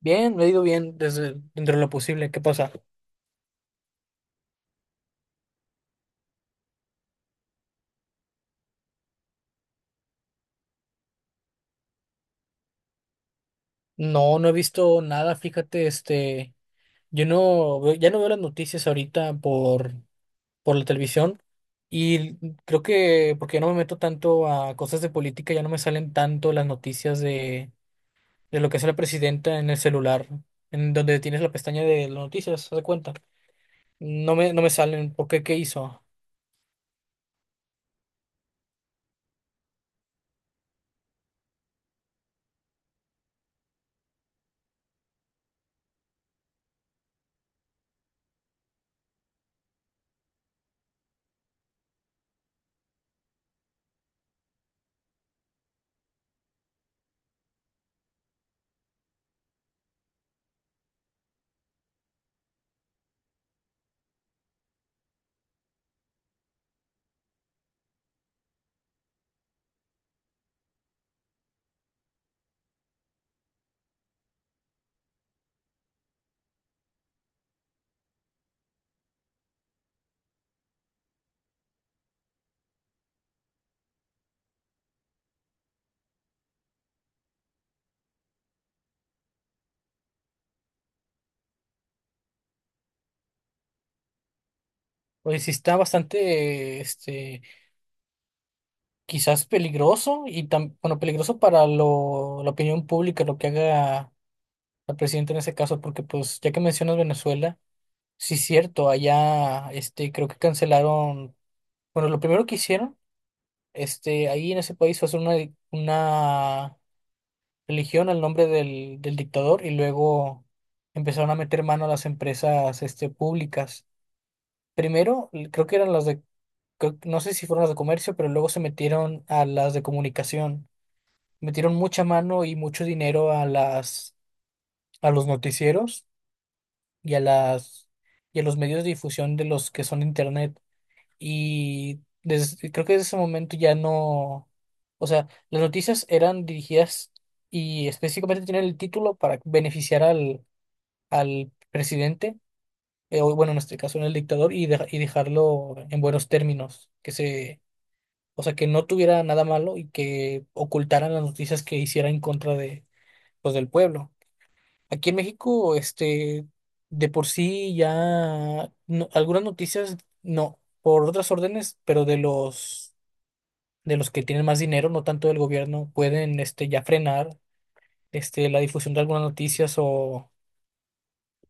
Bien, me he ido bien desde dentro de lo posible. ¿Qué pasa? No, no he visto nada, fíjate, yo no, veo- ya no veo las noticias ahorita por la televisión y creo que porque ya no me meto tanto a cosas de política, ya no me salen tanto las noticias de lo que hace la presidenta en el celular, en donde tienes la pestaña de las noticias, haz de cuenta. No me salen, ¿por qué? ¿Qué hizo? Pues sí está bastante, quizás peligroso y tan, bueno, peligroso para la opinión pública, lo que haga el presidente en ese caso, porque pues ya que mencionas Venezuela, sí es cierto, allá creo que cancelaron, bueno, lo primero que hicieron, ahí en ese país fue hacer una religión al nombre del dictador y luego empezaron a meter mano a las empresas públicas. Primero, creo que eran las de, no sé si fueron las de comercio, pero luego se metieron a las de comunicación. Metieron mucha mano y mucho dinero a los noticieros y a las, y a los medios de difusión de los que son de internet. Y creo que desde ese momento ya no, o sea, las noticias eran dirigidas y específicamente tienen el título para beneficiar al presidente, o bueno, en este caso en el dictador, y, y dejarlo en buenos términos, que se, o sea, que no tuviera nada malo y que ocultaran las noticias que hiciera en contra de, pues, del pueblo. Aquí en México, de por sí ya algunas noticias, no, por otras órdenes, pero de los que tienen más dinero, no tanto del gobierno, pueden ya frenar la difusión de algunas noticias o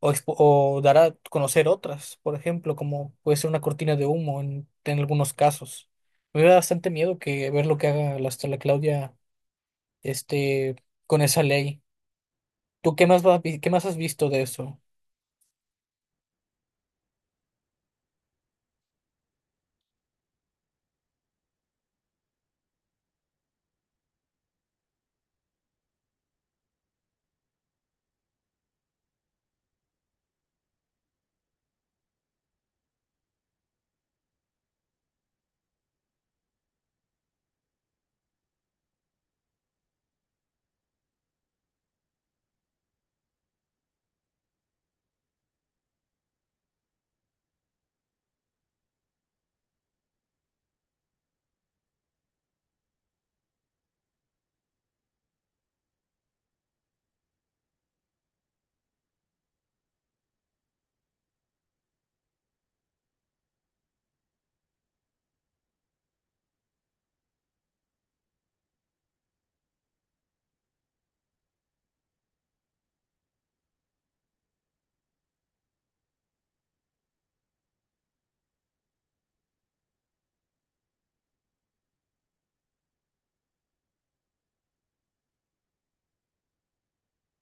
o dar a conocer otras, por ejemplo, como puede ser una cortina de humo en algunos casos. Me da bastante miedo que ver lo que haga hasta la Claudia este con esa ley. ¿Tú qué más qué más has visto de eso?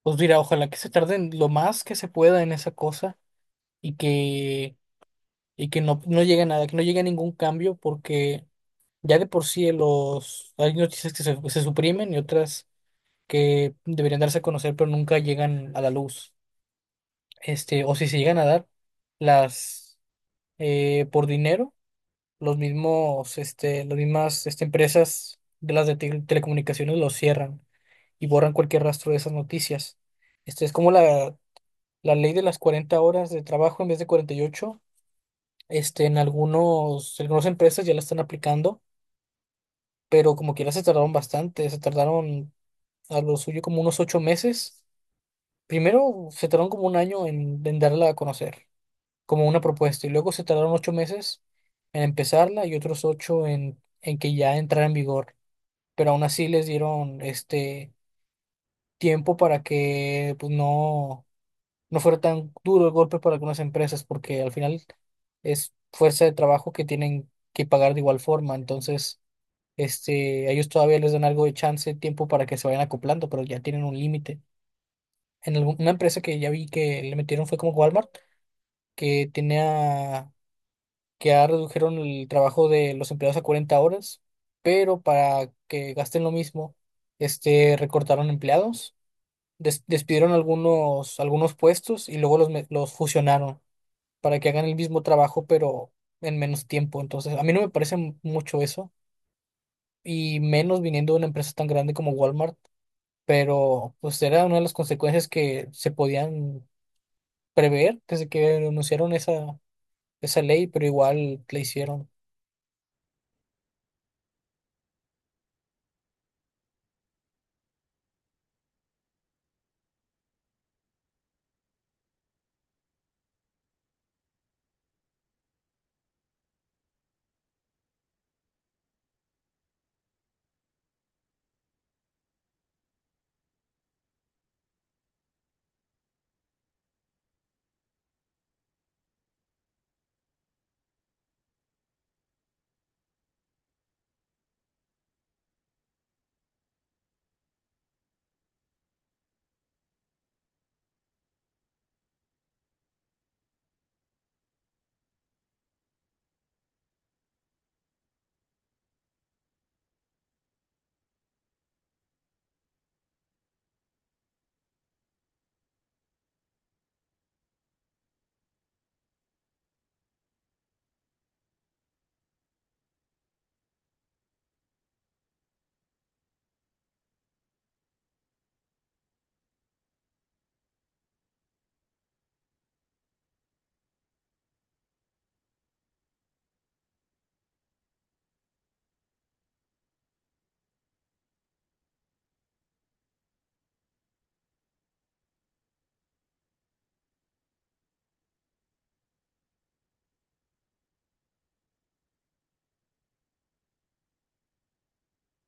Pues mira, ojalá que se tarden lo más que se pueda en esa cosa y que, y que no, no llegue a nada, que no llegue a ningún cambio, porque ya de por sí hay noticias se suprimen y otras que deberían darse a conocer, pero nunca llegan a la luz. O si se llegan a dar, las por dinero, las mismas empresas de las de telecomunicaciones los cierran y borran cualquier rastro de esas noticias. Este es como la ley de las 40 horas de trabajo en vez de 48. En algunas empresas ya la están aplicando, pero como quiera se tardaron bastante, se tardaron a lo suyo como unos 8 meses. Primero se tardaron como un año en darla a conocer, como una propuesta, y luego se tardaron 8 meses en empezarla y otros 8 en que ya entrara en vigor. Pero aún así les dieron tiempo para que no fuera tan duro el golpe para algunas empresas, porque al final es fuerza de trabajo que tienen que pagar de igual forma. Entonces, a ellos todavía les dan algo de chance, tiempo para que se vayan acoplando, pero ya tienen un límite. En una empresa que ya vi que le metieron fue como Walmart, que tenía, que ya redujeron el trabajo de los empleados a 40 horas, pero para que gasten lo mismo, recortaron empleados. Despidieron algunos puestos y luego los fusionaron para que hagan el mismo trabajo, pero en menos tiempo. Entonces, a mí no me parece mucho eso, y menos viniendo de una empresa tan grande como Walmart, pero pues era una de las consecuencias que se podían prever desde que anunciaron esa ley, pero igual la hicieron.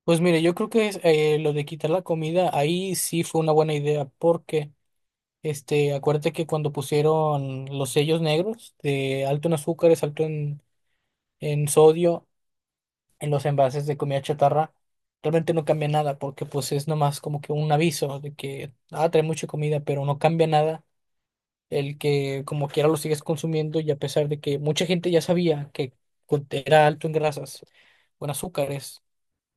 Pues mire, yo creo que lo de quitar la comida ahí sí fue una buena idea, porque acuérdate que cuando pusieron los sellos negros de alto en azúcares, alto en sodio, en los envases de comida chatarra, realmente no cambia nada porque pues es nomás como que un aviso de que, ah, trae mucha comida, pero no cambia nada el que como quiera lo sigues consumiendo y a pesar de que mucha gente ya sabía que era alto en grasas o en azúcares,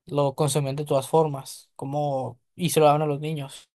lo consumían de todas formas, como y se lo daban a los niños.